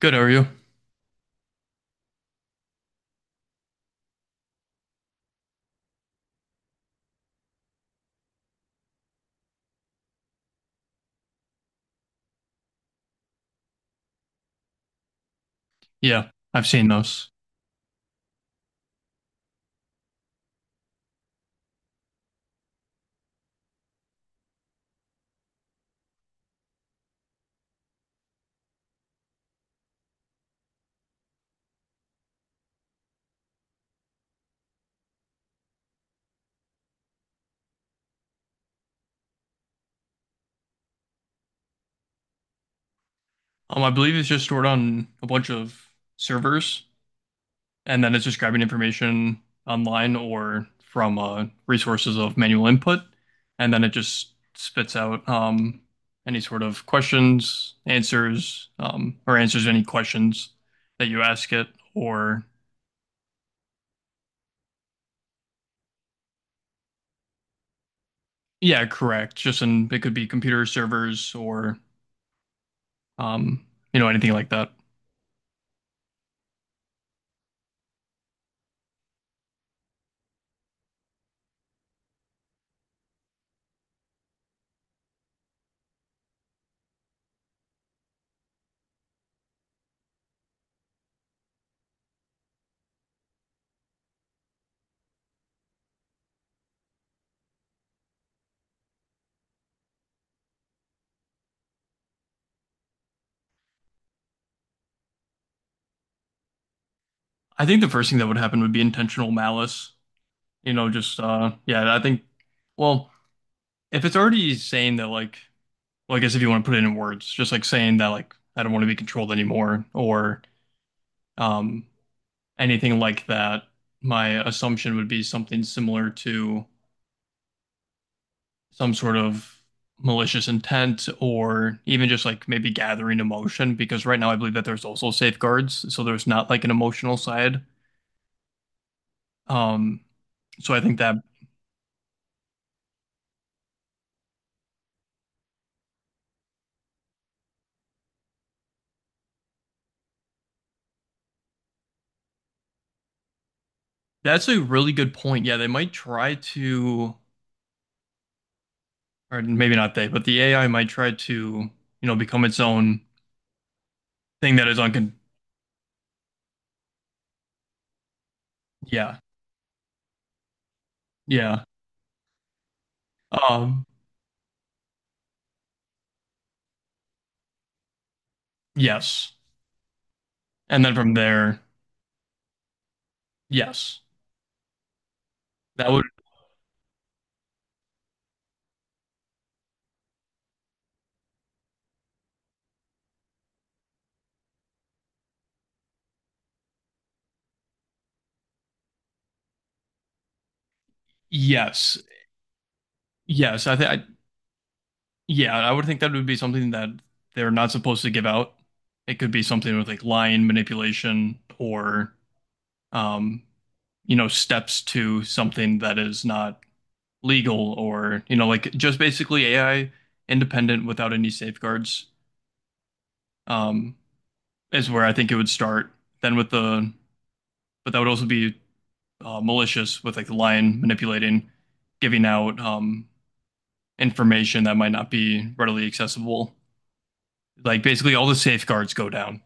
Good, are you? Yeah, I've seen those. I believe it's just stored on a bunch of servers, and then it's just grabbing information online or from resources of manual input, and then it just spits out any sort of questions, answers, or answers any questions that you ask it, or yeah, correct. Just in it could be computer servers or um, you know anything like that. I think the first thing that would happen would be intentional malice you know, just yeah, I think well, if it's already saying that like well, I guess if you want to put it in words, just like saying that like I don't want to be controlled anymore or um anything like that, my assumption would be something similar to some sort of malicious intent or even just like maybe gathering emotion because right now I believe that there's also safeguards, so there's not like an emotional side. Um so I think that's a really good point. Yeah, they might try to or maybe not they, but the AI might try to, you know, become its own thing that is uncon. Yeah, yeah, um, yes, and then from there, yes, that would yes, yes. I think, yeah, I would think that would be something that they're not supposed to give out. It could be something with like lying, manipulation, or um, you know, steps to something that is not legal, or you know, like just basically AI independent without any safeguards. Um, is where I think it would start. Then with the, but that would also be malicious with like the lion manipulating, giving out information that might not be readily accessible. Like basically all the safeguards go down.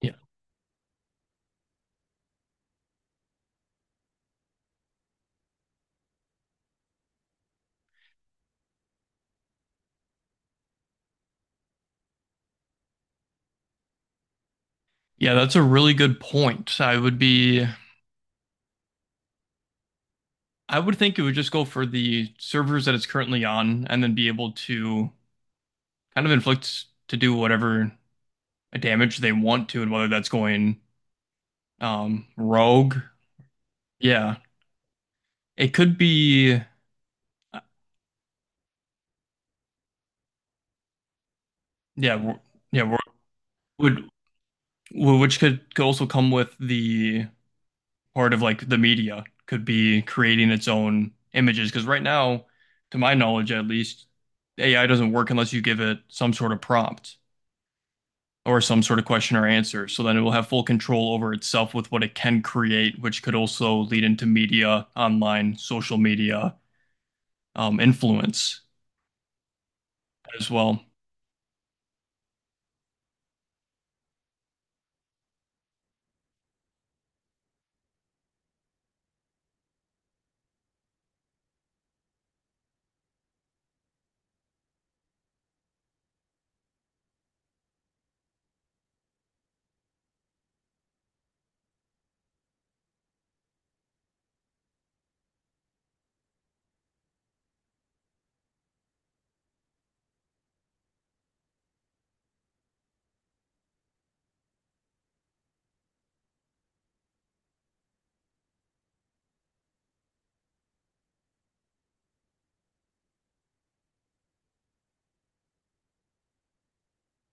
Yeah, yeah, that's a really good point. I would think it would just go for the servers that it's currently on, and then be able to kind of inflict to do whatever damage they want to, and whether that's going rogue. Yeah, it could be. Yeah, w- yeah, would which could also come with the part of like the media could be creating its own images because right now, to my knowledge at least, AI doesn't work unless you give it some sort of prompt or some sort of question or answer. So then it will have full control over itself with what it can create, which could also lead into media, online, social media, influence as well.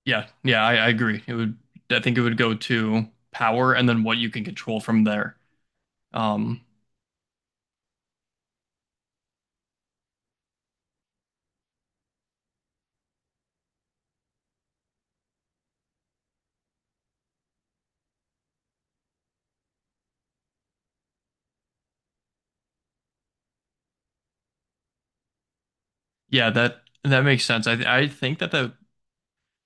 Yeah, yeah, I agree. It would, I think it would go to power and then what you can control from there. Um, yeah, that makes sense. I think that the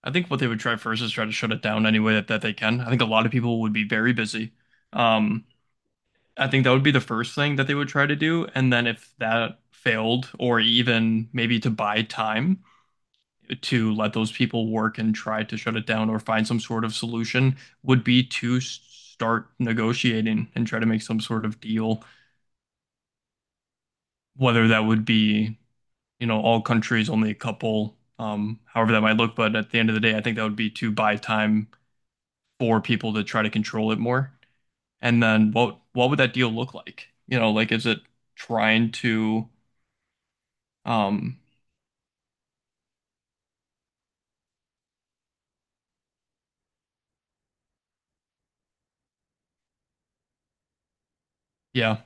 I think what they would try first is try to shut it down any way that they can. I think a lot of people would be very busy. Um, I think that would be the first thing that they would try to do, and then if that failed, or even maybe to buy time to let those people work and try to shut it down or find some sort of solution, would be to start negotiating and try to make some sort of deal, whether that would be you know, all countries, only a couple, however that might look. But at the end of the day, I think that would be to buy time for people to try to control it more. And then what would that deal look like? You know, like is it trying to um yeah.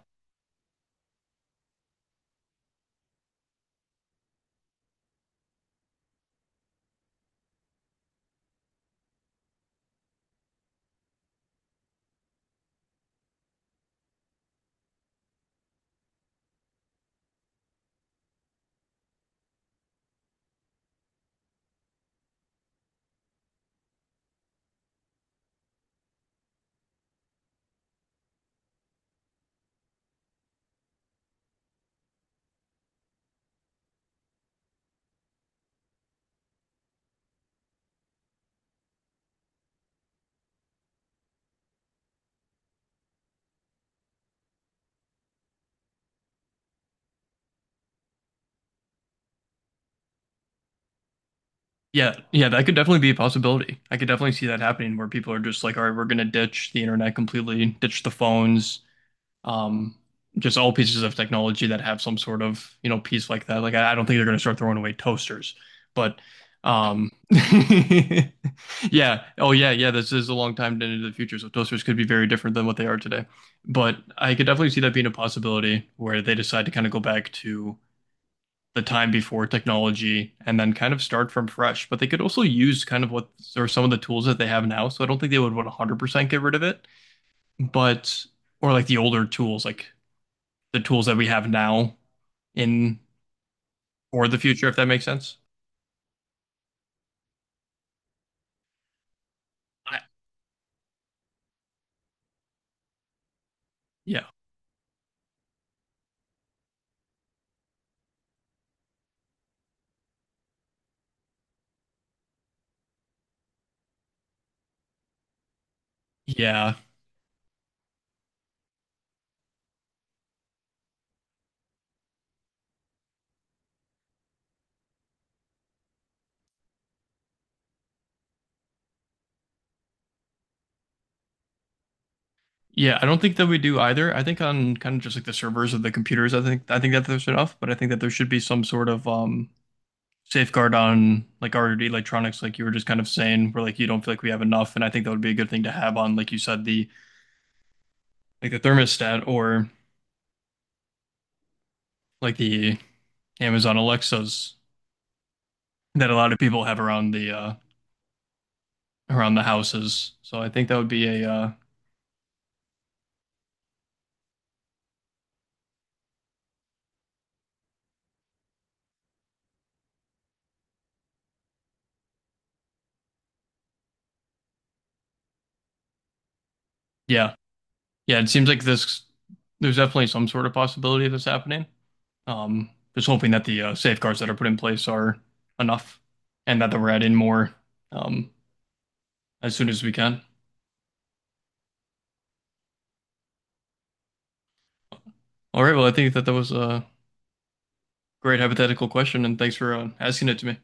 Yeah, yeah, that could definitely be a possibility. I could definitely see that happening where people are just like, all right, we're gonna ditch the internet completely, ditch the phones. Um, just all pieces of technology that have some sort of, you know, piece like that. Like I don't think they're going to start throwing away toasters, but um, yeah. Oh yeah, yeah. This is a long time into the future, so toasters could be very different than what they are today. But I could definitely see that being a possibility where they decide to kind of go back to the time before technology and then kind of start from fresh. But they could also use kind of what or some of the tools that they have now. So I don't think they would 100% get rid of it, but or like the older tools, like the tools that we have now in for the future, if that makes sense. I, yeah. Yeah. Yeah. I don't think that we do either. I think on kind of just like the servers of the computers, I think that there's enough, but I think that there should be some sort of safeguard on like our electronics, like you were just kind of saying, where like you don't feel like we have enough. And I think that would be a good thing to have on, like you said, the like the thermostat or like the Amazon Alexas that a lot of people have around the houses. So I think that would be a yeah, yeah, it seems like there's definitely some sort of possibility of this happening. Um, just hoping that the safeguards that are put in place are enough and that we're adding more um, as soon as we can. All right, well, I think that that was a great hypothetical question, and thanks for asking it to me.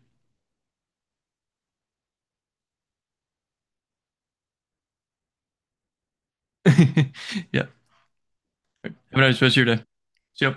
Yeah, have a nice rest of your day. See you.